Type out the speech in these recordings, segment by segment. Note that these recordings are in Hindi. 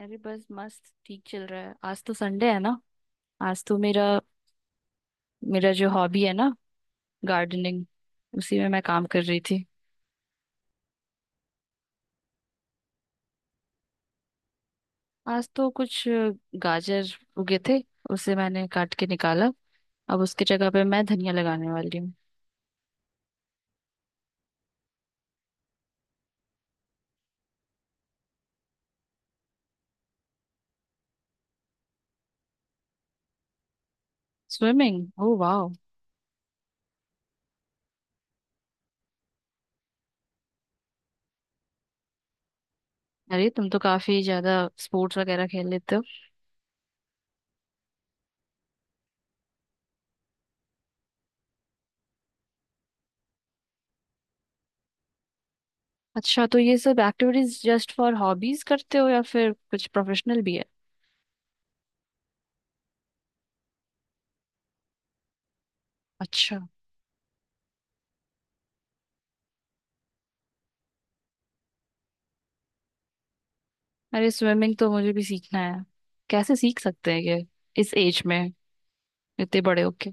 अरे बस मस्त ठीक चल रहा है। आज तो संडे है ना। आज तो मेरा मेरा जो हॉबी है ना, गार्डनिंग, उसी में मैं काम कर रही थी। आज तो कुछ गाजर उगे थे। उसे मैंने काट के निकाला। अब उसकी जगह पे मैं धनिया लगाने वाली हूँ। स्विमिंग? ओ वाह। अरे तुम तो काफी ज्यादा स्पोर्ट्स वगैरह खेल लेते हो। अच्छा तो ये सब एक्टिविटीज जस्ट फॉर हॉबीज करते हो या फिर कुछ प्रोफेशनल भी है? अच्छा। अरे स्विमिंग तो मुझे भी सीखना है। कैसे सीख सकते हैं ये, इस एज में, इतने बड़े होके?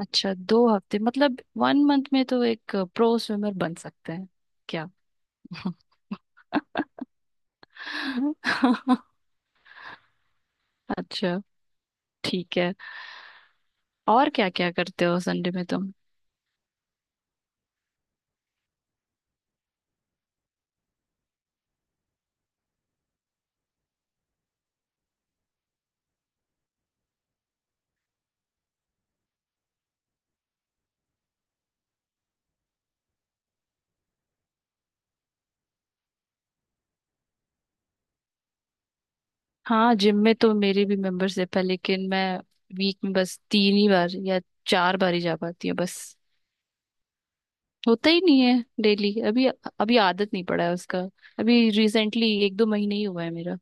अच्छा 2 हफ्ते मतलब 1 मंथ में तो एक प्रो स्विमर बन सकते हैं क्या? अच्छा। ठीक है। और क्या क्या करते हो संडे में तुम? हाँ, जिम में तो मेरी भी मेंबरशिप है, लेकिन मैं वीक में बस 3 ही बार या 4 बार ही जा पाती हूँ बस। होता ही नहीं है डेली अभी। अभी आदत नहीं पड़ा है उसका। अभी रिसेंटली एक दो महीने ही हुआ है मेरा।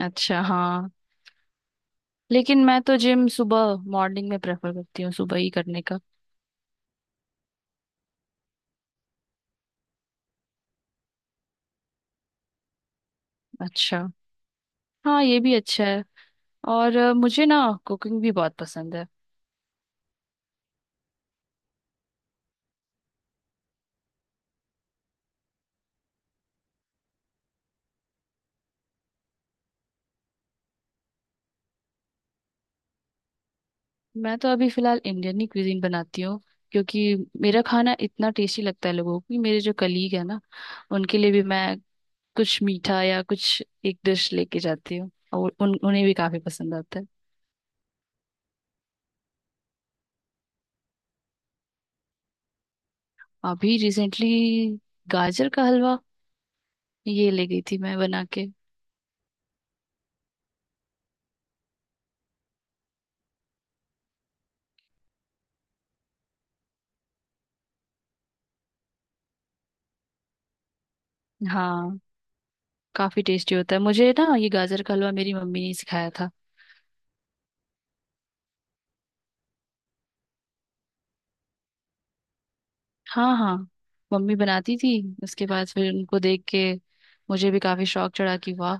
अच्छा, हाँ। लेकिन मैं तो जिम सुबह मॉर्निंग में प्रेफर करती हूँ, सुबह ही करने का। अच्छा। हाँ ये भी अच्छा है। और मुझे ना कुकिंग भी बहुत पसंद है। मैं तो अभी फिलहाल इंडियन ही क्विजीन बनाती हूँ, क्योंकि मेरा खाना इतना टेस्टी लगता है लोगों को कि मेरे जो कलीग है ना, उनके लिए भी मैं कुछ मीठा या कुछ एक डिश लेके जाती हूँ और उन उन्हें भी काफी पसंद आता है। अभी रिसेंटली गाजर का हलवा ये ले गई थी मैं बना के। हाँ काफी टेस्टी होता है। मुझे ना ये गाजर का हलवा मेरी मम्मी ने सिखाया था। हाँ हाँ, मम्मी बनाती थी। उसके बाद फिर उनको देख के मुझे भी काफी शौक चढ़ा कि वाह,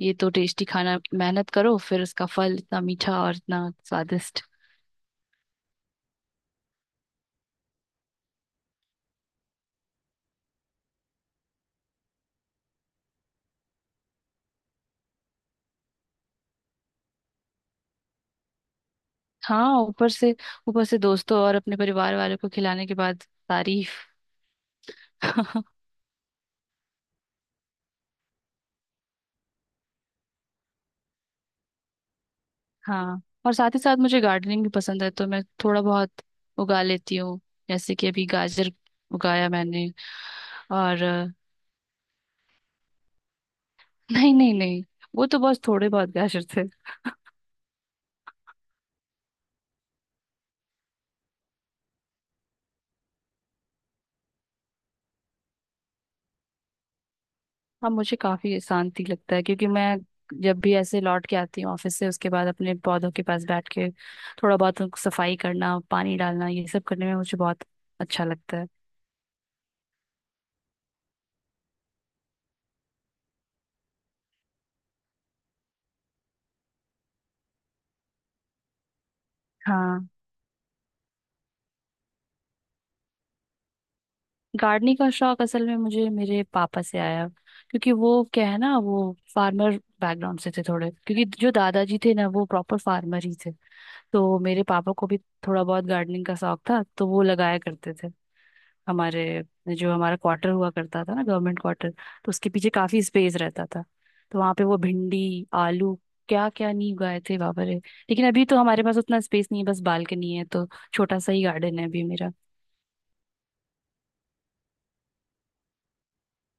ये तो टेस्टी खाना, मेहनत करो फिर उसका फल इतना मीठा और इतना स्वादिष्ट। हाँ ऊपर से, ऊपर से दोस्तों और अपने परिवार वालों को खिलाने के बाद तारीफ। हाँ, और साथ ही साथ मुझे गार्डनिंग भी पसंद है तो मैं थोड़ा बहुत उगा लेती हूँ। जैसे कि अभी गाजर उगाया मैंने। और नहीं नहीं नहीं, वो तो बस थोड़े बहुत गाजर। हाँ मुझे काफी शांति लगता है, क्योंकि मैं जब भी ऐसे लौट के आती हूँ ऑफिस से, उसके बाद अपने पौधों के पास बैठ के थोड़ा बहुत उनको सफाई करना, पानी डालना, ये सब करने में मुझे बहुत अच्छा लगता है। हाँ, गार्डनिंग का शौक असल में मुझे मेरे पापा से आया। क्योंकि वो क्या है ना, वो फार्मर बैकग्राउंड से थे थोड़े, क्योंकि जो दादाजी थे ना, वो प्रॉपर फार्मर ही थे। तो मेरे पापा को भी थोड़ा बहुत गार्डनिंग का शौक था तो वो लगाया करते थे हमारे, जो हमारा क्वार्टर हुआ करता था ना, गवर्नमेंट क्वार्टर, तो उसके पीछे काफी स्पेस रहता था। तो वहां पे वो भिंडी आलू, क्या क्या नहीं उगाए थे बाबा रे। लेकिन अभी तो हमारे पास उतना स्पेस नहीं है, बस बालकनी है, तो छोटा सा ही गार्डन है अभी मेरा।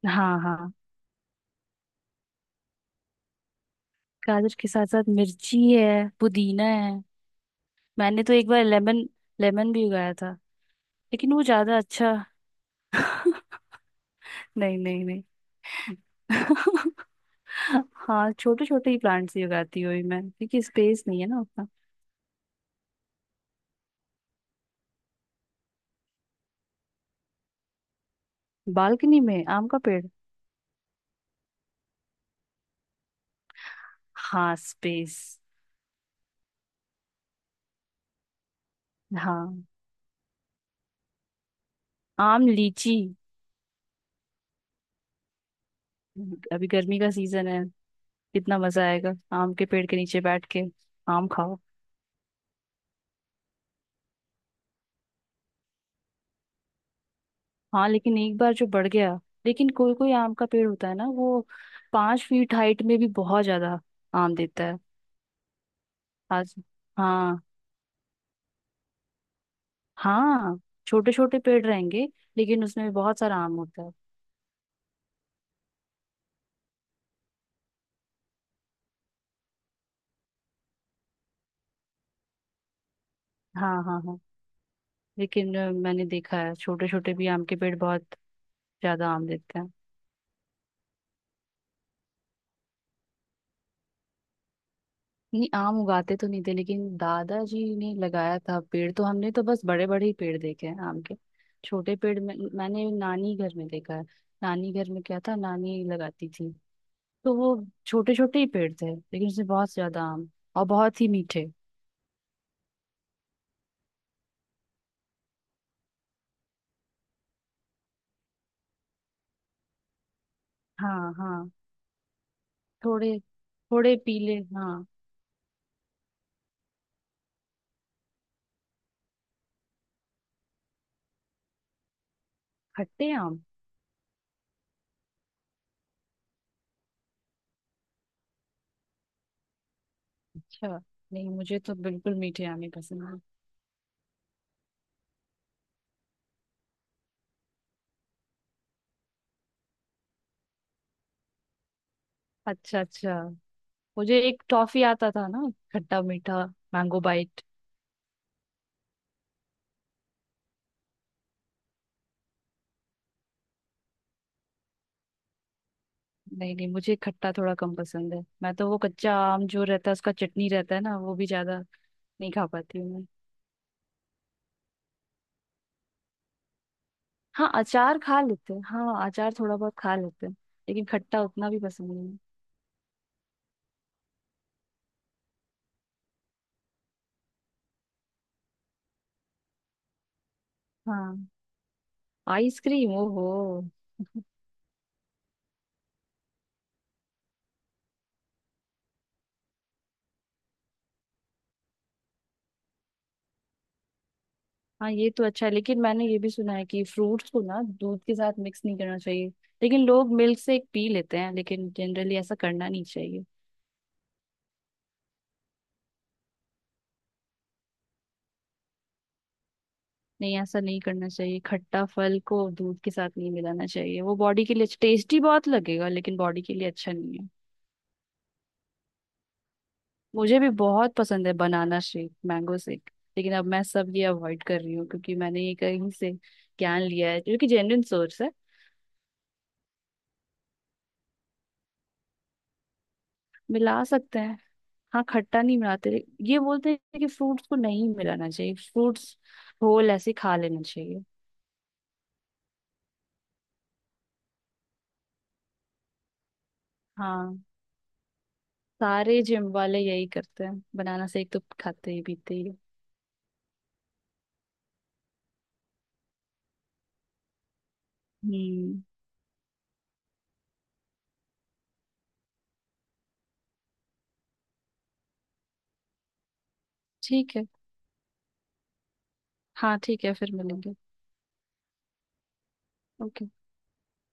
हाँ हाँ, गाजर के साथ साथ मिर्ची है, पुदीना है। मैंने तो एक बार लेमन लेमन भी उगाया था, लेकिन वो ज्यादा अच्छा नहीं। नहीं नहीं। हाँ छोटे छोटे ही प्लांट्स ही उगाती हूँ अभी मैं, क्योंकि स्पेस नहीं है ना। बालकनी में आम का पेड़? हाँ स्पेस। हाँ आम लीची। अभी गर्मी का सीजन है, कितना मजा आएगा आम के पेड़ के नीचे बैठ के आम खाओ। हाँ लेकिन एक बार जो बढ़ गया, लेकिन कोई कोई आम का पेड़ होता है ना वो 5 फीट हाइट में भी बहुत ज्यादा आम देता है। आज। हाँ हाँ, छोटे छोटे पेड़ रहेंगे लेकिन उसमें भी बहुत सारा आम होता है। हाँ हाँ हाँ, लेकिन मैंने देखा है छोटे छोटे भी आम के पेड़ बहुत ज्यादा आम देते हैं। नहीं, आम उगाते तो नहीं थे, लेकिन दादाजी ने लगाया था पेड़, तो हमने तो बस बड़े बड़े ही पेड़ देखे हैं आम के। छोटे पेड़ में मैंने नानी घर में देखा है। नानी घर में क्या था, नानी लगाती थी, तो वो छोटे छोटे ही पेड़ थे लेकिन उसमें बहुत ज्यादा आम, और बहुत ही मीठे। हाँ हाँ, थोड़े थोड़े पीले हाँ। खट्टे आम? अच्छा। नहीं, मुझे तो बिल्कुल मीठे आम ही पसंद है। अच्छा अच्छा। मुझे एक टॉफी आता था ना, खट्टा मीठा, मैंगो बाइट। नहीं नहीं, मुझे खट्टा थोड़ा कम पसंद है। मैं तो वो कच्चा आम जो रहता है उसका चटनी रहता है ना, वो भी ज्यादा नहीं खा पाती हूँ मैं। हाँ अचार खा लेते हैं, हाँ अचार थोड़ा बहुत खा लेते हैं, लेकिन खट्टा उतना भी पसंद नहीं। हाँ आइसक्रीम, ओहो। हाँ ये तो अच्छा है, लेकिन मैंने ये भी सुना है कि फ्रूट्स को ना दूध के साथ मिक्स नहीं करना चाहिए। लेकिन लोग मिल्क से पी लेते हैं, लेकिन जनरली ऐसा करना नहीं चाहिए। नहीं, ऐसा नहीं करना चाहिए, खट्टा फल को दूध के साथ नहीं मिलाना चाहिए। वो बॉडी के लिए अच्छा, टेस्टी बहुत लगेगा लेकिन बॉडी के लिए अच्छा नहीं है। मुझे भी बहुत पसंद है बनाना शेक, मैंगो शेक, लेकिन अब मैं सब ये अवॉइड कर रही हूँ, क्योंकि मैंने ये कहीं से ज्ञान लिया है जो कि जेन्युइन सोर्स है। मिला सकते हैं। हाँ, खट्टा नहीं मिलाते। ये बोलते हैं कि फ्रूट्स को नहीं मिलाना चाहिए, फ्रूट्स होल ऐसे खा लेना चाहिए। हाँ सारे जिम वाले यही करते हैं, बनाना शेक तो खाते ही पीते ही हैं। हम्म। ठीक है। हाँ ठीक है, फिर मिलेंगे। ओके।